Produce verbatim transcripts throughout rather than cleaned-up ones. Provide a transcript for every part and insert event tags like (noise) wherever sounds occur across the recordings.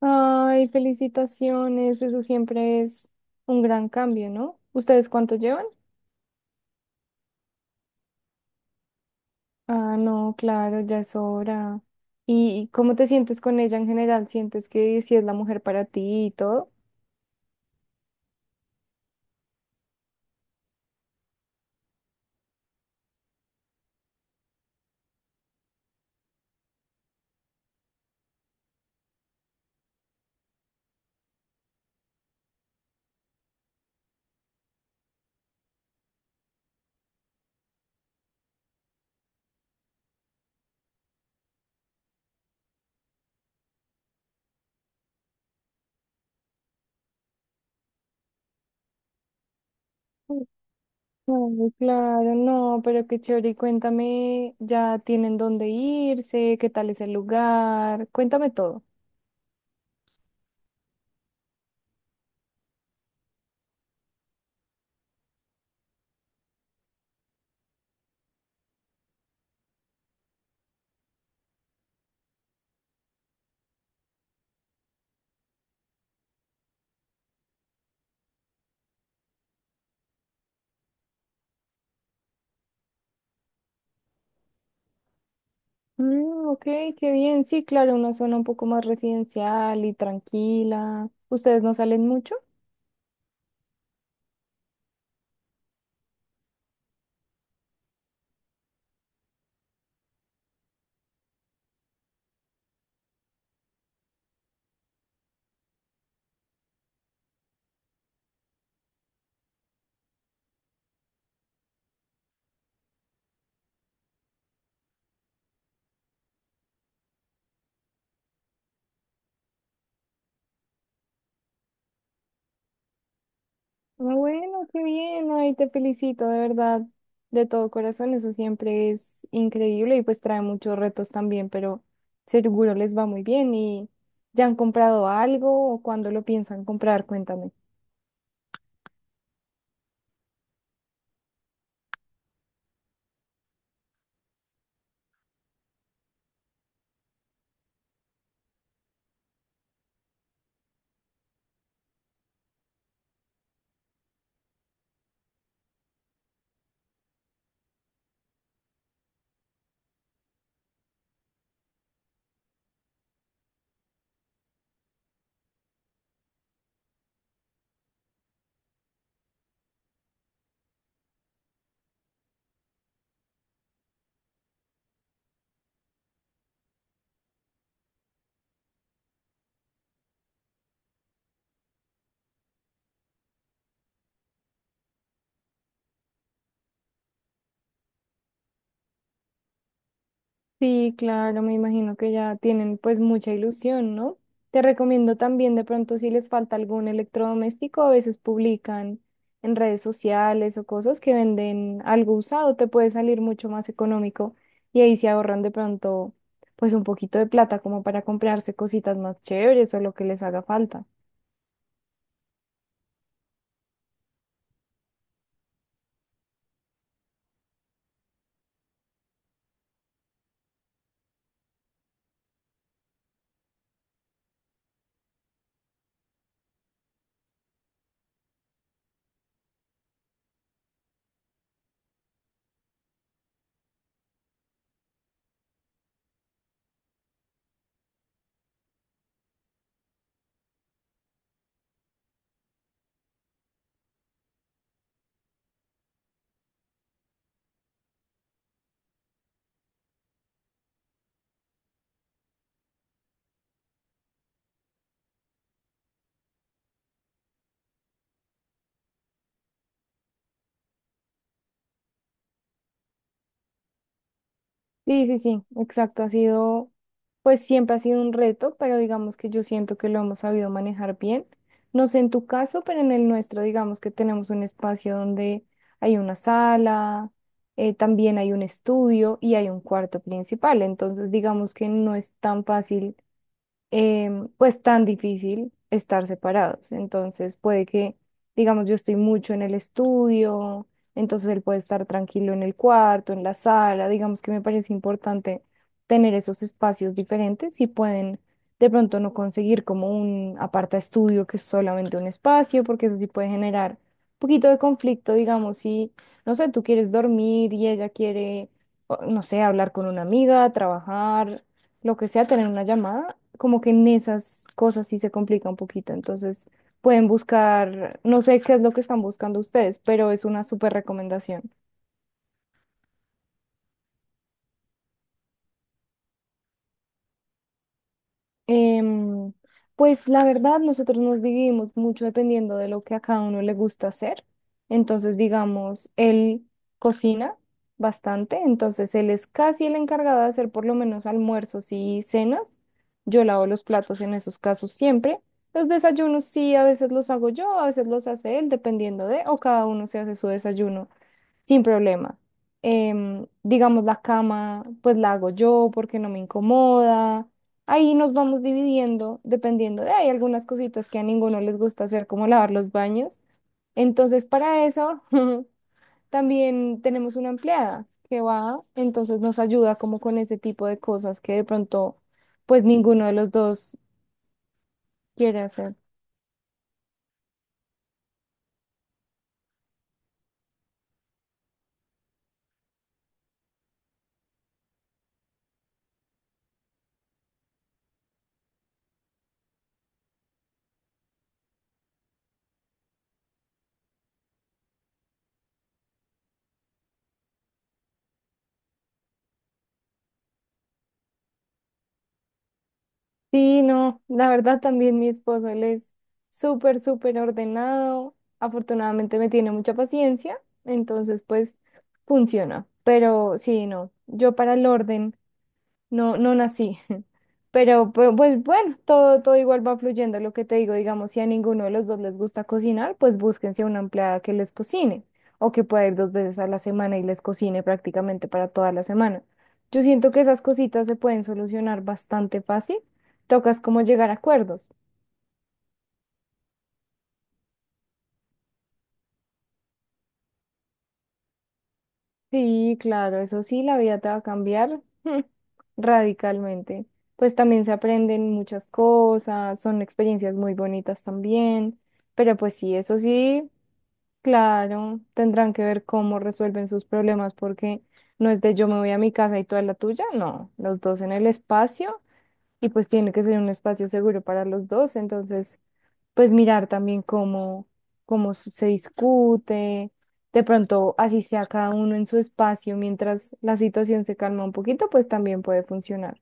Ay, felicitaciones, eso siempre es un gran cambio, ¿no? ¿Ustedes cuánto llevan? Ah, no, claro, ya es hora. ¿Y y cómo te sientes con ella en general? ¿Sientes que si es la mujer para ti y todo? Ay, claro, no, pero qué chévere. Y cuéntame, ¿ya tienen dónde irse? ¿Qué tal es el lugar? Cuéntame todo. Mm, ok, qué bien. Sí, claro, una zona un poco más residencial y tranquila. ¿Ustedes no salen mucho? Ah, bueno, qué bien, ay, te felicito, de verdad, de todo corazón, eso siempre es increíble y pues trae muchos retos también, pero seguro les va muy bien y ¿ya han comprado algo o cuándo lo piensan comprar? Cuéntame. Sí, claro, me imagino que ya tienen pues mucha ilusión, ¿no? Te recomiendo también de pronto si les falta algún electrodoméstico, a veces publican en redes sociales o cosas que venden algo usado, te puede salir mucho más económico y ahí se ahorran de pronto pues un poquito de plata como para comprarse cositas más chéveres o lo que les haga falta. Sí, sí, sí, exacto. Ha sido, pues siempre ha sido un reto, pero digamos que yo siento que lo hemos sabido manejar bien. No sé en tu caso, pero en el nuestro, digamos que tenemos un espacio donde hay una sala, eh, también hay un estudio y hay un cuarto principal. Entonces, digamos que no es tan fácil em, pues tan difícil estar separados. Entonces puede que, digamos, yo estoy mucho en el estudio, entonces él puede estar tranquilo en el cuarto, en la sala, digamos que me parece importante tener esos espacios diferentes y pueden de pronto no conseguir como un aparta estudio que es solamente un espacio, porque eso sí puede generar un poquito de conflicto, digamos, si, no sé, tú quieres dormir y ella quiere, o- no sé, hablar con una amiga, trabajar, lo que sea, tener una llamada, como que en esas cosas sí se complica un poquito. Entonces, pueden buscar, no sé qué es lo que están buscando ustedes, pero es una súper recomendación. Em, pues la verdad, nosotros nos dividimos mucho dependiendo de lo que a cada uno le gusta hacer. Entonces, digamos, él cocina bastante, entonces él es casi el encargado de hacer por lo menos almuerzos y cenas. Yo lavo los platos en esos casos siempre. Los desayunos sí, a veces los hago yo, a veces los hace él, dependiendo de, o cada uno se hace su desayuno. Sin problema. Em, digamos, la cama, pues la hago yo porque no me incomoda. Ahí nos vamos dividiendo, dependiendo de, hay algunas cositas que a ninguno les gusta hacer, como lavar los baños. Entonces, para eso, (laughs) también tenemos una empleada que va, entonces nos ayuda como con ese tipo de cosas que de pronto, pues ninguno de los dos quiere hacer. Sí, no, la verdad también mi esposo, él es súper, súper ordenado. Afortunadamente me tiene mucha paciencia, entonces pues funciona. Pero sí, no, yo para el orden. No, no nací. (laughs) Pero pu- pues bueno, todo, todo igual va fluyendo. Lo que te digo, digamos, si a ninguno de los dos les gusta cocinar, pues búsquense una empleada que les cocine o que pueda ir dos veces a la semana y les cocine prácticamente para toda la semana. Yo siento que esas cositas se pueden solucionar bastante fácil. Tocas como llegar a acuerdos. Sí, claro, eso sí, la vida te va a cambiar (laughs) mm, radicalmente. Pues también se aprenden muchas cosas, son experiencias muy bonitas también, pero pues sí, eso sí, claro, tendrán que ver cómo resuelven sus problemas porque no es de yo me voy a mi casa y tú a la tuya, no, los dos en el espacio y pues tiene que ser un espacio seguro para los dos, entonces pues mirar también cómo, cómo s- se discute, de pronto así sea cada uno en su espacio mientras la situación se calma un poquito, pues también puede funcionar.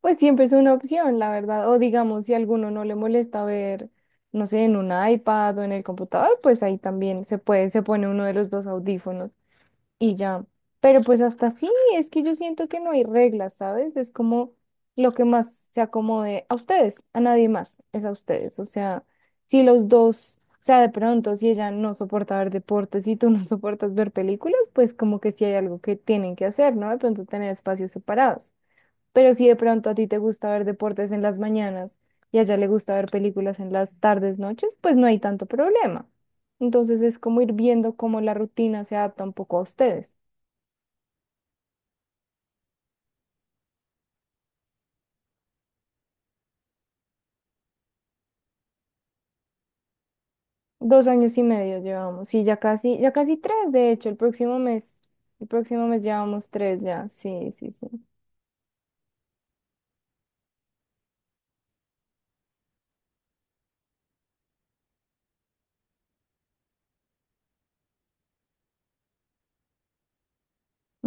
Pues siempre es una opción, la verdad, o digamos, si a alguno no le molesta ver, no sé, en un iPad o en el computador, pues ahí también se puede, se pone uno de los dos audífonos. Y ya. Pero pues hasta sí, es que yo siento que no hay reglas, ¿sabes? Es como lo que más se acomode a ustedes, a nadie más, es a ustedes. O sea, si los dos, o sea, de pronto, si ella no soporta ver deportes y tú no (laughs) soportas ver películas, pues como que sí hay algo que tienen que hacer, ¿no? De pronto tener espacios separados. Pero si de pronto a ti te gusta ver deportes en las mañanas y a ella le gusta ver películas en las tardes, noches, pues no hay tanto problema. Entonces es como ir viendo cómo la rutina se adapta un poco a ustedes. Dos años y medio llevamos, sí, ya casi, ya casi tres, de hecho, el próximo mes, el próximo mes llevamos tres ya, sí, sí, sí. (laughs)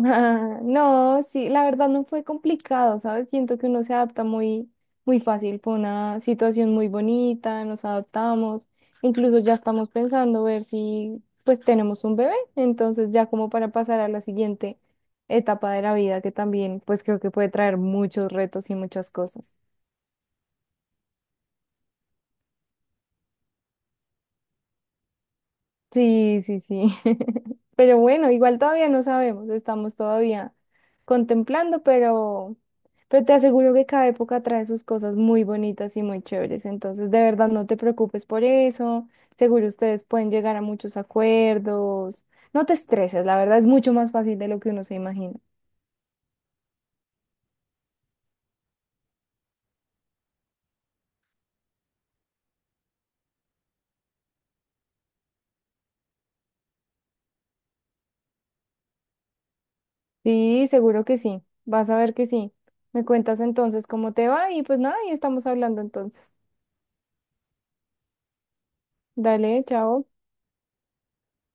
Ah, no, sí, la verdad no fue complicado, ¿sabes? Siento que uno se adapta muy, muy fácil, fue una situación muy bonita, nos adaptamos, incluso ya estamos pensando ver si pues tenemos un bebé, entonces ya como para pasar a la siguiente etapa de la vida que también pues creo que puede traer muchos retos y muchas cosas. Sí, sí, sí. (laughs) Pero bueno, igual todavía no sabemos, estamos todavía contemplando, pero, pero te aseguro que cada época trae sus cosas muy bonitas y muy chéveres. Entonces, de verdad, no te preocupes por eso. Seguro ustedes pueden llegar a muchos acuerdos. No te estreses, la verdad es mucho más fácil de lo que uno se imagina. Sí, seguro que sí. Vas a ver que sí. Me cuentas entonces cómo te va y pues nada, y estamos hablando entonces. Dale, chao.